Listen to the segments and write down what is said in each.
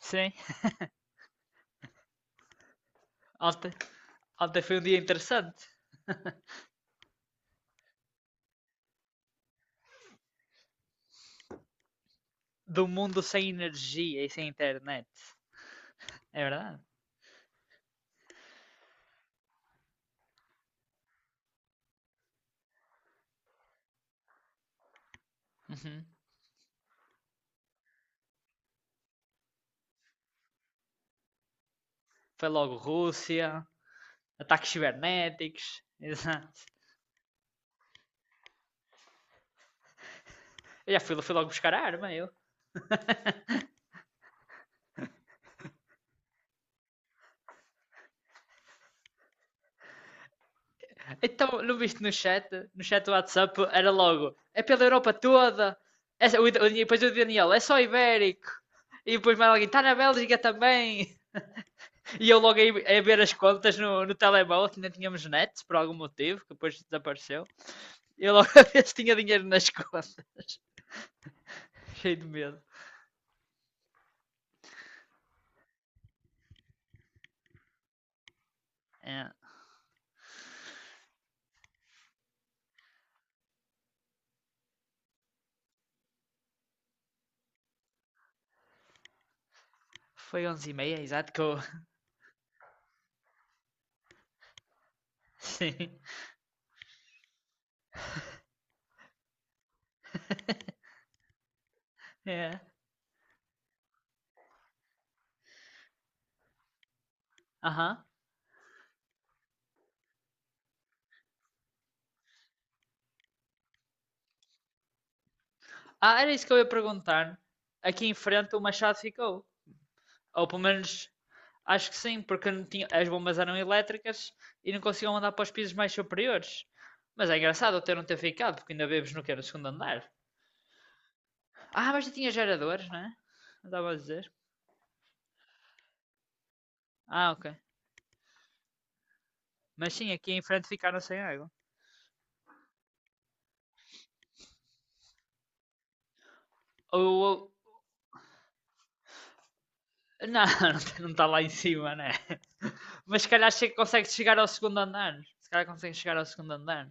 Sim, ontem, ontem foi um dia interessante. Do mundo sem energia e sem internet. É verdade. Uhum. Foi logo Rússia, ataques cibernéticos. Exato. Eu já fui logo buscar a arma, eu. Então, não viste no chat? No chat do WhatsApp era logo. É pela Europa toda. É, o depois o Daniel, é só ibérico. E depois mais alguém, está na Bélgica também. E eu logo aí a ver as contas no telemóvel, que ainda tínhamos net, por algum motivo, que depois desapareceu. Eu logo a ver tinha dinheiro nas contas. Cheio de medo. É. Foi 11h30, exato, que eu... Sim. É. Aham. Uhum. Ah, era isso que eu ia perguntar. Aqui em frente o Machado ficou. Ou pelo menos, acho que sim, porque não tinha... as bombas eram elétricas e não conseguiam andar para os pisos mais superiores. Mas é engraçado até não ter ficado, porque ainda vives no que era o segundo andar. Ah, mas já tinha geradores, não é? Não estava a dizer. Ah, ok. Mas sim, aqui em frente ficaram sem água. Ou não, não está lá em cima, né? Mas se calhar consegue chegar ao segundo andar. Se calhar consegue chegar ao segundo andar.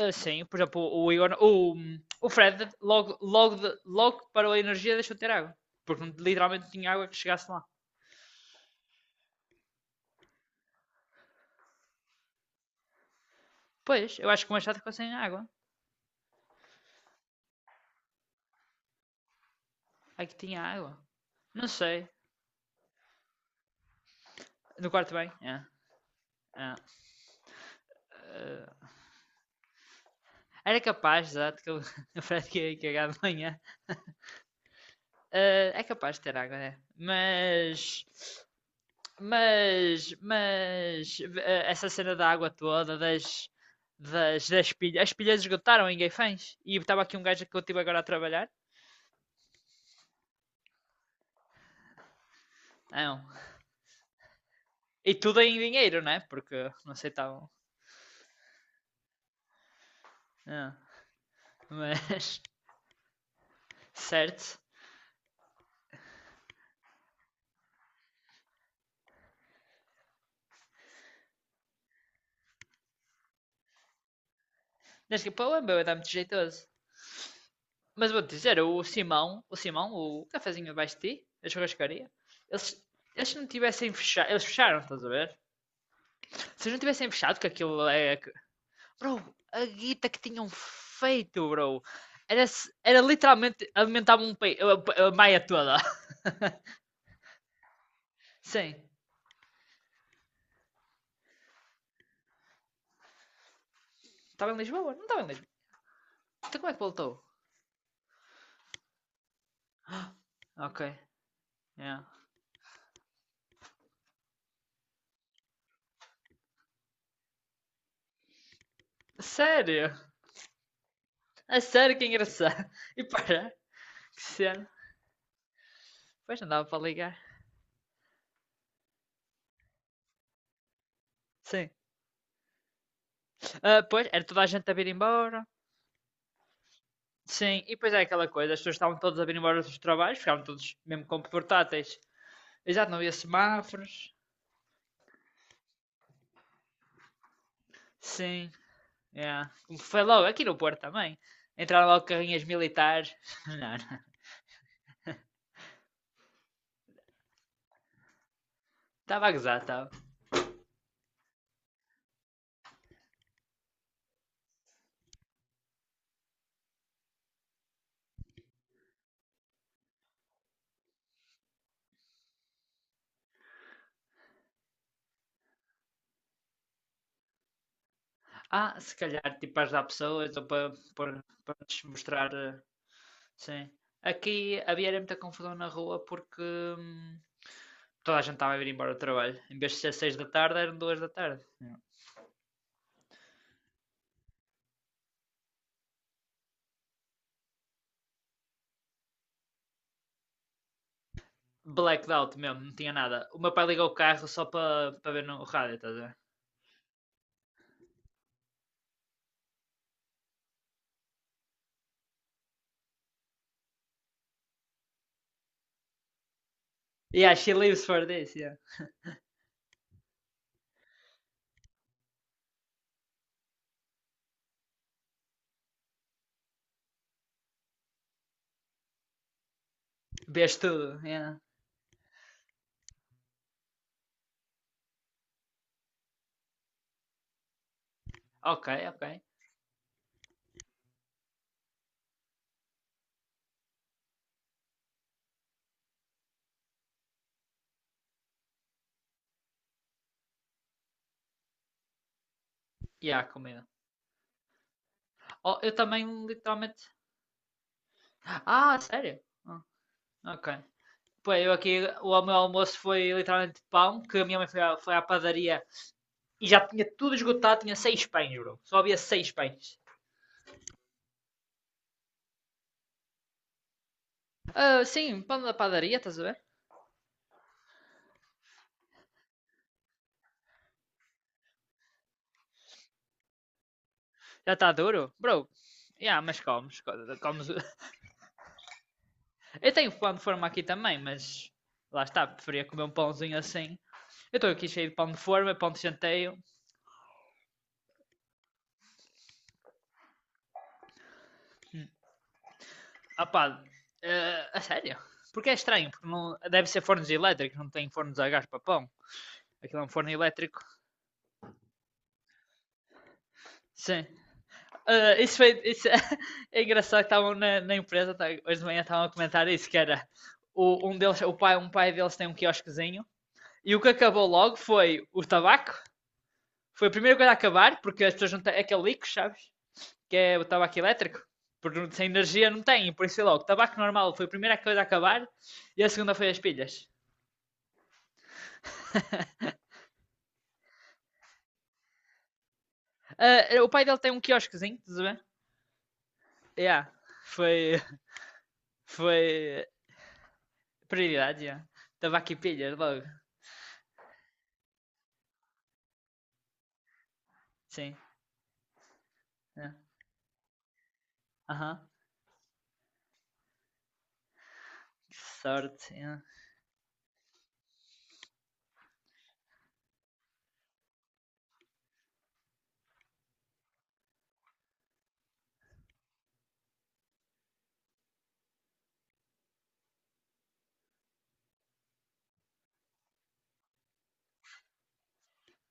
Ah, sim, por exemplo, o Igor, o Fred, logo que parou a energia, deixou de ter água. Porque literalmente não tinha água que chegasse lá. Pois, eu acho que o Machado ficou sem água. Aqui tinha água. Não sei. No quarto bem? É, é. Ah, era capaz, exato, que o o Fred que ia cagar de manhã. Ah, é capaz de ter água, né? Mas. Mas essa cena da água toda, das, pilhas. As pilhas esgotaram em Gaifães. E estava aqui um gajo que eu tive agora a trabalhar. Não. E tudo em dinheiro, né? Porque não aceitavam. Ah, Mas, certo. Desde que para o Embeu dá muito jeitoso. Mas vou-te dizer, o Simão, o cafezinho abaixo de ti, a churrascaria, eles, eles não tivessem fechado, eles fecharam, estás a ver? Se eles não tivessem fechado, que aquilo é, Bro, a guita que tinham feito, bro. Era, era literalmente alimentava um a maia toda. Sim. Estava em Lisboa? Não estava em Lisboa. Então como é que voltou? Ok. Yeah. Sério? É sério que é engraçado. E para, que cena. Pois não dava para ligar. Sim. Pois, era toda a gente a vir embora. Sim, e depois é aquela coisa, as pessoas estavam todas a vir embora dos trabalhos, ficavam todos mesmo com portáteis. Exato, não havia semáforos. Sim. Yeah. Foi logo aqui no Porto também. Entraram logo carrinhas militares. Não, não. Estava a gozar, estava. Ah, se calhar, tipo, para ajudar pessoas ou para lhes mostrar. Sim. Aqui havia era muita confusão na rua porque toda a gente estava a vir embora do trabalho. Em vez de ser 6 da tarde, eram 2 da tarde. Yeah. Blackout mesmo, não tinha nada. O meu pai ligou o carro só para ver no rádio, estás a ver? Yeah, she lives for this, yeah. Vês tudo, yeah. Ok, ok. E yeah, a comida. Oh, eu também literalmente. Ah, sério? Ah, ok. Pô, eu aqui, o meu almoço foi literalmente pão, que a minha mãe foi à padaria e já tinha tudo esgotado, tinha seis pães, bro. Só havia seis pães. Ah, sim, pão da padaria, estás a ver? Já está duro? Bro, yeah, mas comes, comes. Eu tenho pão de forma aqui também, mas lá está, preferia comer um pãozinho assim. Eu estou aqui cheio de pão de forma, pão de chanteio. Ah pá, a sério? Porque é estranho, porque não, deve ser fornos elétricos, não tem fornos a gás para pão. Aquilo é um forno elétrico. Sim. Isso foi, isso é engraçado que estavam na empresa, hoje de manhã estavam a comentar isso, que era o, um deles, o pai, um pai deles tem um quiosquezinho e o que acabou logo foi o tabaco. Foi a primeira coisa a acabar, porque as pessoas não têm é aquele líquido, sabes? Que é o tabaco elétrico. Porque sem energia não tem, por isso foi logo. O tabaco normal foi a primeira coisa a acabar e a segunda foi as pilhas. Ah, o pai dele tem um quiosquezinho, tudo bem? Ver? Yeah. Foi, foi prioridade, yeah. Estava aqui pilha logo. Sim. Aham. yeah. Aham. Que sorte. Yeah.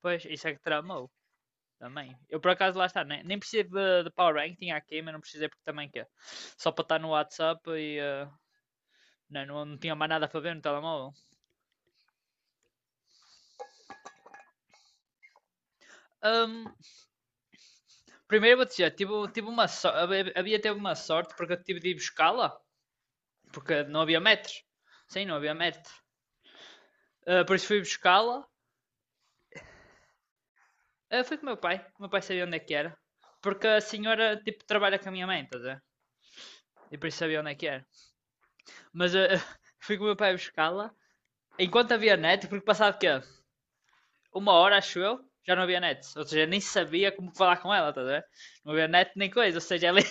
Pois, isso é que tramou também. Eu por acaso lá está, nem preciso de Power Rank, tinha aqui, mas não precisei porque também quer. Só para estar no WhatsApp e não tinha mais nada para ver no telemóvel. Ahm, primeiro vou dizer, tive uma havia teve uma sorte porque eu tive de ir buscá-la, porque não havia metros. Sim, não havia metros. Ah, depois fui buscá-la. Ah, fui com o meu pai. O meu pai sabia onde é que era. Porque a senhora, tipo, trabalha com a minha mãe, estás a ver? E por isso sabia onde é que era. Mas fui com o meu pai buscá-la. Enquanto havia net, porque passava o quê? Uma hora, acho eu, já não havia net. Ou seja, nem sabia como falar com ela, estás a ver? Não havia net nem coisa. Ou seja, ela é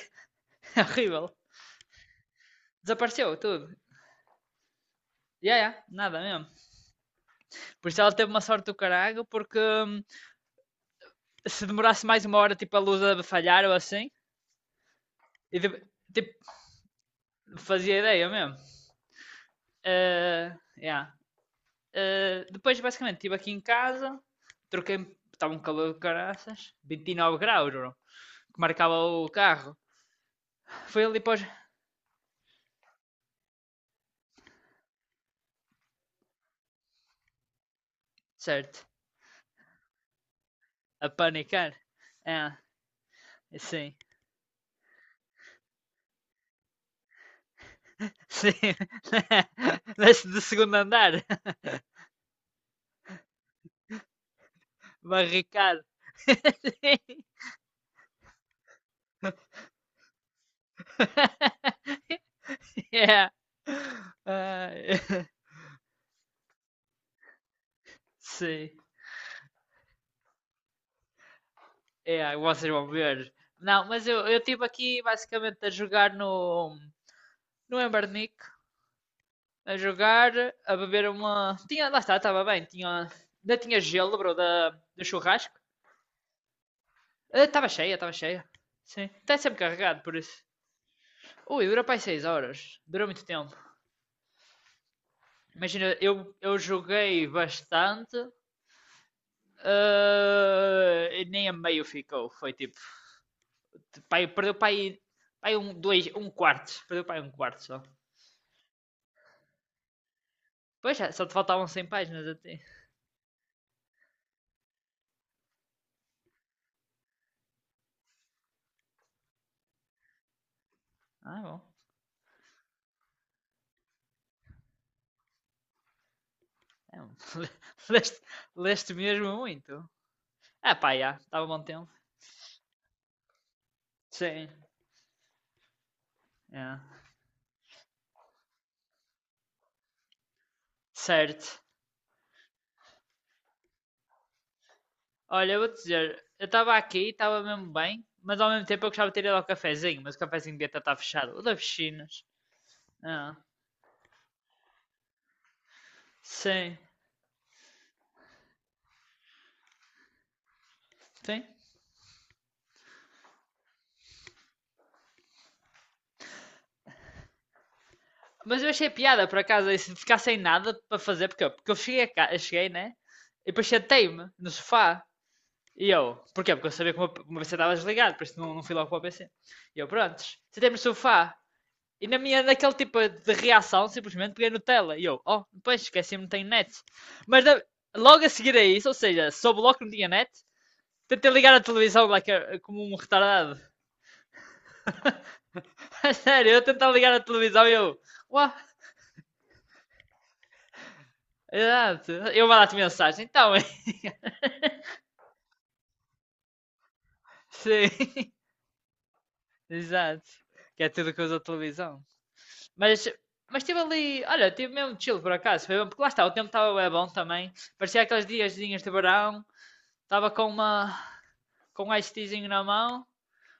horrível. Desapareceu tudo. Ya, ya, nada mesmo. Por isso ela teve uma sorte do caralho, porque se demorasse mais uma hora, tipo, a luz a falhar ou assim, e tipo, fazia ideia mesmo. Uh, yeah. Depois, basicamente, estive aqui em casa, troquei estava um calor de caraças, 29 graus, bro, que marcava o carro. Foi ali para certo, a panicar. Ah, sim, sim. Desce do segundo andar, barricado. Yeah. Ah, sim, yeah, vocês vão ver. Não, mas eu estive aqui basicamente a jogar no Embernick, a jogar, a beber uma. Tinha, lá está, estava bem. Tinha, ainda tinha gelo, bro, da, do churrasco. Ah, estava cheia, estava cheia. Sim. Está sempre carregado, por isso. Ui, dura para aí 6 horas. Durou muito tempo. Imagina, eu joguei bastante. E nem a meio ficou. Foi tipo. Pai, perdeu para aí. Pai um, dois, um quarto. Perdeu para aí um quarto só. Pois já, só te faltavam 100 páginas a ti. Ah, bom. É, leste, leste mesmo muito. Ah, pá, já. Estava bom tempo. Sim. É. Certo. Olha, eu vou te dizer, eu estava aqui, estava mesmo bem, mas ao mesmo tempo eu gostava de ter ido ao cafezinho, mas o cafezinho devia estar tá fechado. O das piscinas. Ah, sim. Sim. Mas eu achei piada, por acaso, isso de ficar sem nada para fazer, porque eu, cheguei, a ca- eu cheguei, né? E depois sentei-me no sofá. E eu, porquê? Porque eu sabia que o meu PC estava desligado, por isso não fui logo para o PC. E eu, prontos, sentei-me no sofá E na minha, naquele tipo de reação, simplesmente peguei no tela. E eu, oh, depois esqueci-me, não tenho net. Mas logo a seguir a isso, ou seja, soube logo que não tinha net, tentei ligar a televisão like, como um retardado. Sério, eu tentava ligar a televisão e eu, uau, exato. Eu mandar-te mensagem, então. Sim, exato. Que é tudo que usa a televisão. Mas, mas estive ali, olha, estive mesmo chill por acaso, foi bom, porque lá está, o tempo estava bem bom também. Parecia aqueles diazinhos de verão, estava com uma com um ice teazinho na mão,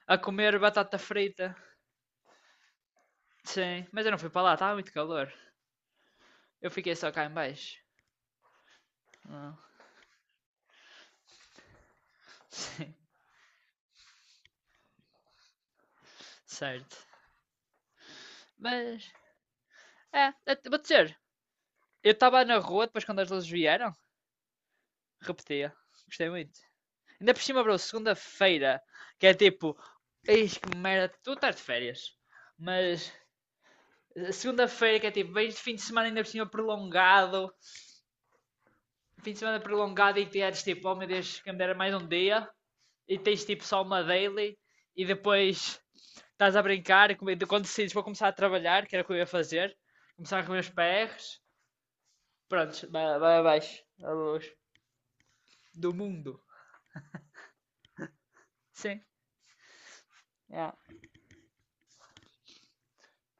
a comer batata frita. Sim, mas eu não fui para lá, estava muito calor. Eu fiquei só cá em baixo. Não sim, certo. Mas, é, é, vou dizer, eu estava na rua depois quando as luzes vieram, repetia. Gostei muito. Ainda por cima, bro, segunda-feira, que é tipo, eis que merda, tu estás de férias. Mas, segunda-feira, que é tipo, vens de fim de semana ainda por cima prolongado, fim de semana prolongado e tens tipo, oh meu Deus, que me dera mais um dia, e tens tipo só uma daily, e depois estás a brincar, e quando decides vou começar a trabalhar, que era o que eu ia fazer, começar a comer os PRs, pronto, vai abaixo, a luz do mundo. Sim, é.